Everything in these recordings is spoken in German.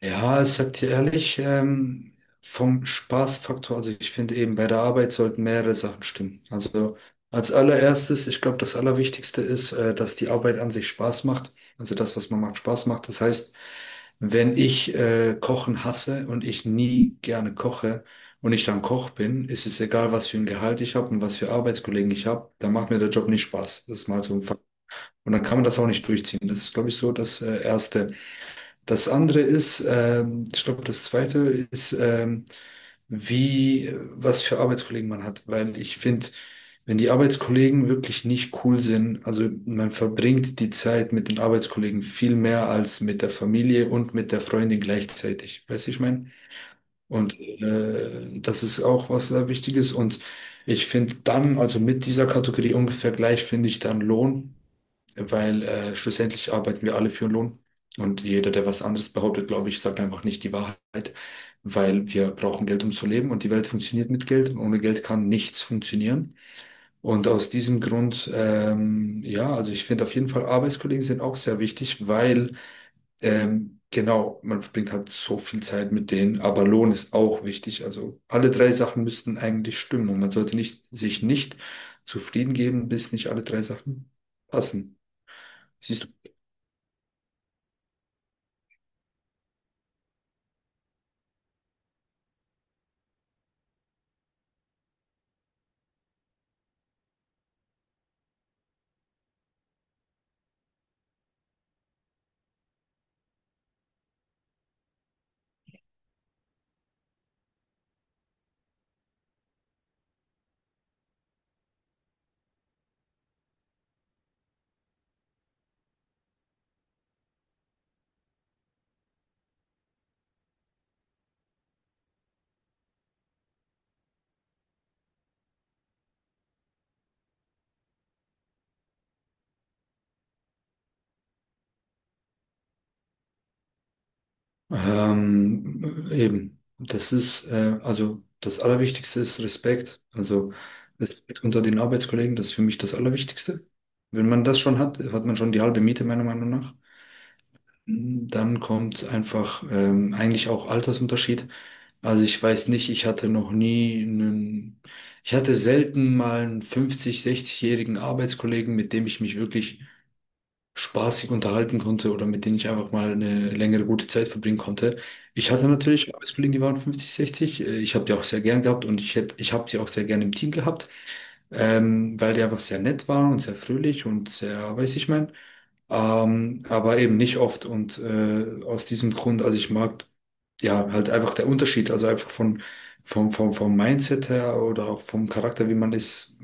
Ja, ich sag dir ehrlich, vom Spaßfaktor, also ich finde eben bei der Arbeit sollten mehrere Sachen stimmen. Also als allererstes, ich glaube, das Allerwichtigste ist, dass die Arbeit an sich Spaß macht. Also das, was man macht, Spaß macht. Das heißt, wenn ich Kochen hasse und ich nie gerne koche und ich dann Koch bin, ist es egal, was für ein Gehalt ich habe und was für Arbeitskollegen ich habe, dann macht mir der Job nicht Spaß. Das ist mal so ein Fakt. Und dann kann man das auch nicht durchziehen. Das ist, glaube ich, so das Erste. Das andere ist, ich glaube, das zweite ist, wie, was für Arbeitskollegen man hat. Weil ich finde, wenn die Arbeitskollegen wirklich nicht cool sind, also man verbringt die Zeit mit den Arbeitskollegen viel mehr als mit der Familie und mit der Freundin gleichzeitig. Weißt du, ich meine? Und das ist auch was sehr Wichtiges. Und ich finde dann, also mit dieser Kategorie ungefähr gleich, finde ich dann Lohn, weil schlussendlich arbeiten wir alle für Lohn. Und jeder, der was anderes behauptet, glaube ich, sagt einfach nicht die Wahrheit, weil wir brauchen Geld, um zu leben. Und die Welt funktioniert mit Geld. Und ohne Geld kann nichts funktionieren. Und aus diesem Grund, ja, also ich finde auf jeden Fall, Arbeitskollegen sind auch sehr wichtig, weil genau, man verbringt halt so viel Zeit mit denen, aber Lohn ist auch wichtig. Also alle drei Sachen müssten eigentlich stimmen und man sollte nicht, sich nicht zufrieden geben, bis nicht alle drei Sachen passen. Siehst du? Eben. Das ist, also das Allerwichtigste ist Respekt. Also Respekt unter den Arbeitskollegen, das ist für mich das Allerwichtigste. Wenn man das schon hat, hat man schon die halbe Miete, meiner Meinung nach. Dann kommt einfach eigentlich auch Altersunterschied. Also ich weiß nicht, ich hatte noch nie einen, ich hatte selten mal einen 50, 60-jährigen Arbeitskollegen, mit dem ich mich wirklich spaßig unterhalten konnte oder mit dem ich einfach mal eine längere gute Zeit verbringen konnte. Ich hatte natürlich Arbeitskollegen, die waren 50, 60. Ich habe die auch sehr gern gehabt und ich habe sie auch sehr gern im Team gehabt, weil die einfach sehr nett waren und sehr fröhlich und sehr, weiß ich mein, aber eben nicht oft. Und aus diesem Grund, also ich mag ja halt einfach der Unterschied, also einfach vom Mindset her oder auch vom Charakter, wie man ist,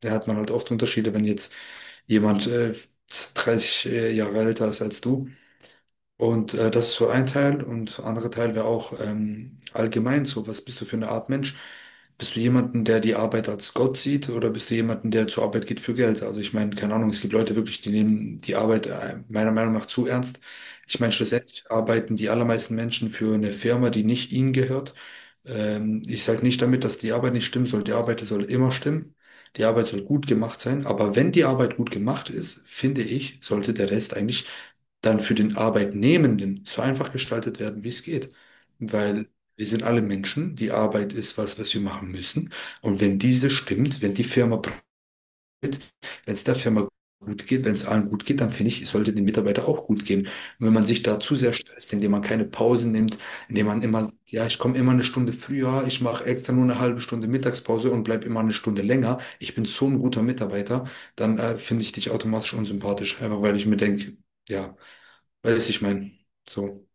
da hat man halt oft Unterschiede, wenn jetzt jemand 30 Jahre älter ist als du. Und das ist so ein Teil und anderer Teil wäre auch allgemein so, was bist du für eine Art Mensch? Bist du jemanden, der die Arbeit als Gott sieht oder bist du jemanden, der zur Arbeit geht für Geld? Also ich meine, keine Ahnung, es gibt Leute wirklich, die nehmen die Arbeit meiner Meinung nach zu ernst. Ich meine, schlussendlich arbeiten die allermeisten Menschen für eine Firma, die nicht ihnen gehört. Ich sage nicht damit, dass die Arbeit nicht stimmen soll. Die Arbeit soll immer stimmen. Die Arbeit soll gut gemacht sein. Aber wenn die Arbeit gut gemacht ist, finde ich, sollte der Rest eigentlich dann für den Arbeitnehmenden so einfach gestaltet werden, wie es geht. Weil wir sind alle Menschen, die Arbeit ist was, was wir machen müssen. Und wenn diese stimmt, wenn die Firma profitiert, wenn es der Firma gut geht, wenn es allen gut geht, dann finde ich, es sollte den Mitarbeiter auch gut gehen. Und wenn man sich da zu sehr stresst, indem man keine Pausen nimmt, indem man immer, sagt, ja, ich komme immer 1 Stunde früher, ich mache extra nur eine halbe Stunde Mittagspause und bleib immer 1 Stunde länger, ich bin so ein guter Mitarbeiter, dann finde ich dich automatisch unsympathisch, einfach weil ich mir denke, ja, weiß ich mein. So.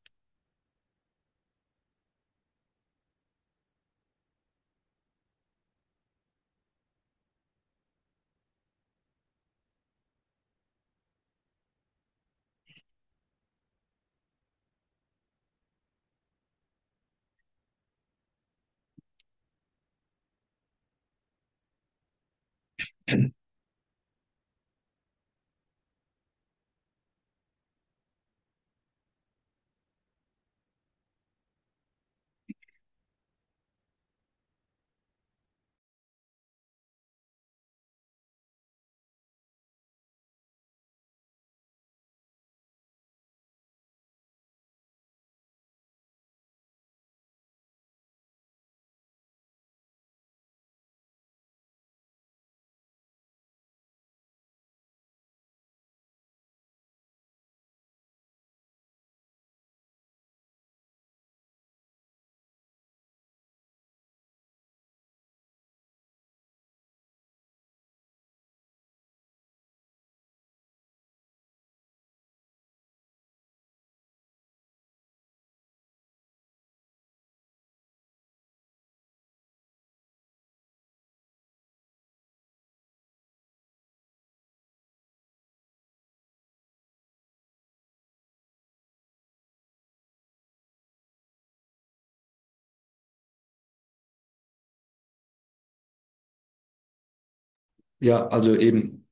Ja, also eben,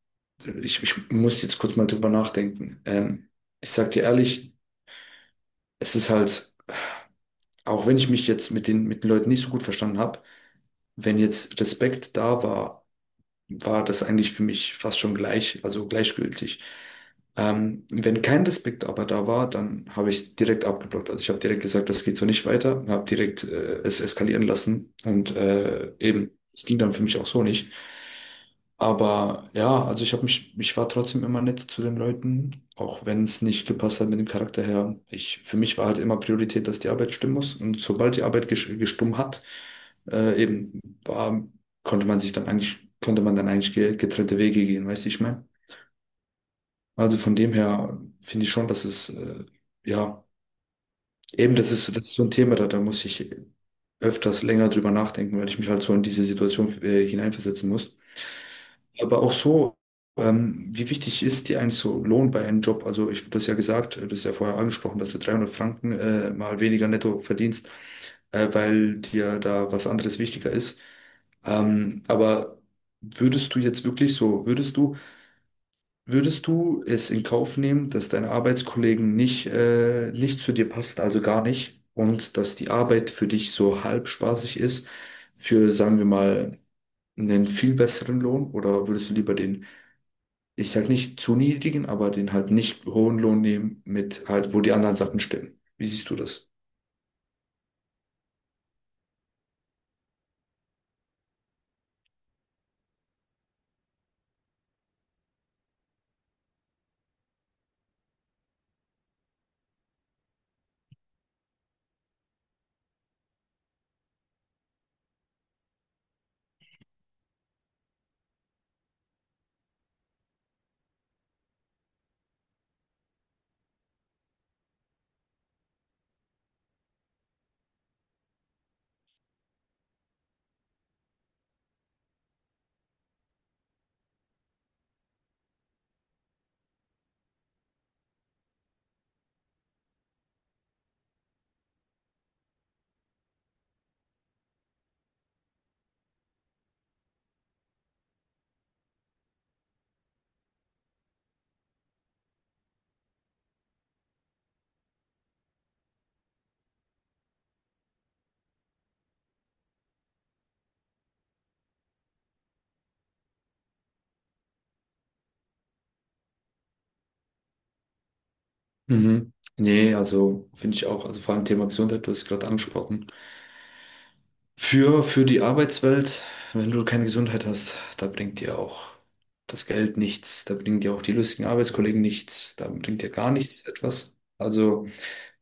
ich muss jetzt kurz mal drüber nachdenken. Ich sag dir ehrlich, es ist halt, auch wenn ich mich jetzt mit mit den Leuten nicht so gut verstanden habe, wenn jetzt Respekt da war, war das eigentlich für mich fast schon gleich, also gleichgültig. Wenn kein Respekt aber da war, dann habe ich es direkt abgeblockt. Also ich habe direkt gesagt, das geht so nicht weiter, habe direkt es eskalieren lassen und eben, es ging dann für mich auch so nicht. Aber ja, also ich habe mich, ich war trotzdem immer nett zu den Leuten, auch wenn es nicht gepasst hat mit dem Charakter her. Ich, für mich war halt immer Priorität, dass die Arbeit stimmen muss. Und sobald die Arbeit gestummt hat, eben war, konnte man sich dann eigentlich, konnte man dann eigentlich getrennte Wege gehen, weißt du, ich meine? Also von dem her finde ich schon, dass es, ja, eben das ist so ein Thema, da, da muss ich öfters länger drüber nachdenken, weil ich mich halt so in diese Situation hineinversetzen muss. Aber auch so, wie wichtig ist dir eigentlich so Lohn bei einem Job? Also ich, du hast ja gesagt, das hast ja vorher angesprochen, dass du 300 Franken mal weniger netto verdienst, weil dir da was anderes wichtiger ist. Aber würdest du jetzt wirklich so, würdest du es in Kauf nehmen, dass deine Arbeitskollegen nicht, nicht zu dir passen, also gar nicht, und dass die Arbeit für dich so halb spaßig ist, für, sagen wir mal, einen viel besseren Lohn? Oder würdest du lieber den ich sag nicht zu niedrigen, aber den halt nicht hohen Lohn nehmen mit halt, wo die anderen Sachen stimmen. Wie siehst du das? Mhm. Nee, also finde ich auch, also vor allem Thema Gesundheit, du hast es gerade angesprochen. Für die Arbeitswelt, wenn du keine Gesundheit hast, da bringt dir auch das Geld nichts, da bringen dir auch die lustigen Arbeitskollegen nichts, da bringt dir gar nichts etwas. Also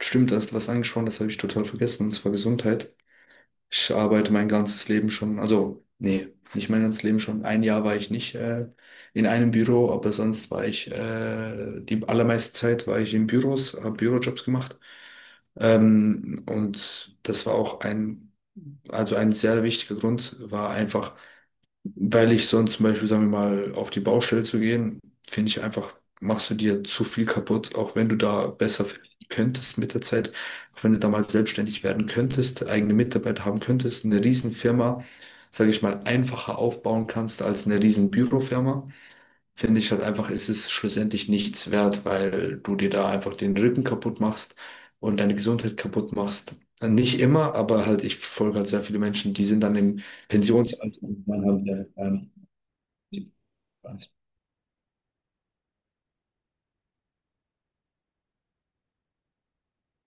stimmt, da hast du was angesprochen, das habe ich total vergessen, und zwar Gesundheit. Ich arbeite mein ganzes Leben schon, also nee, nicht mein ganzes Leben schon. 1 Jahr war ich nicht in einem Büro, aber sonst war ich, die allermeiste Zeit war ich in Büros, habe Bürojobs gemacht. Und das war auch ein, also ein sehr wichtiger Grund, war einfach, weil ich sonst zum Beispiel, sagen wir mal, auf die Baustelle zu gehen, finde ich einfach, machst du dir zu viel kaputt, auch wenn du da besser verdienen könntest mit der Zeit, auch wenn du da mal selbstständig werden könntest, eigene Mitarbeiter haben könntest, eine Riesenfirma, sage ich mal, einfacher aufbauen kannst als eine riesen Bürofirma, finde ich halt einfach, ist es schlussendlich nichts wert, weil du dir da einfach den Rücken kaputt machst und deine Gesundheit kaputt machst. Nicht immer, aber halt, ich verfolge halt sehr viele Menschen, die sind dann im Pensionsalter und dann haben wir ja.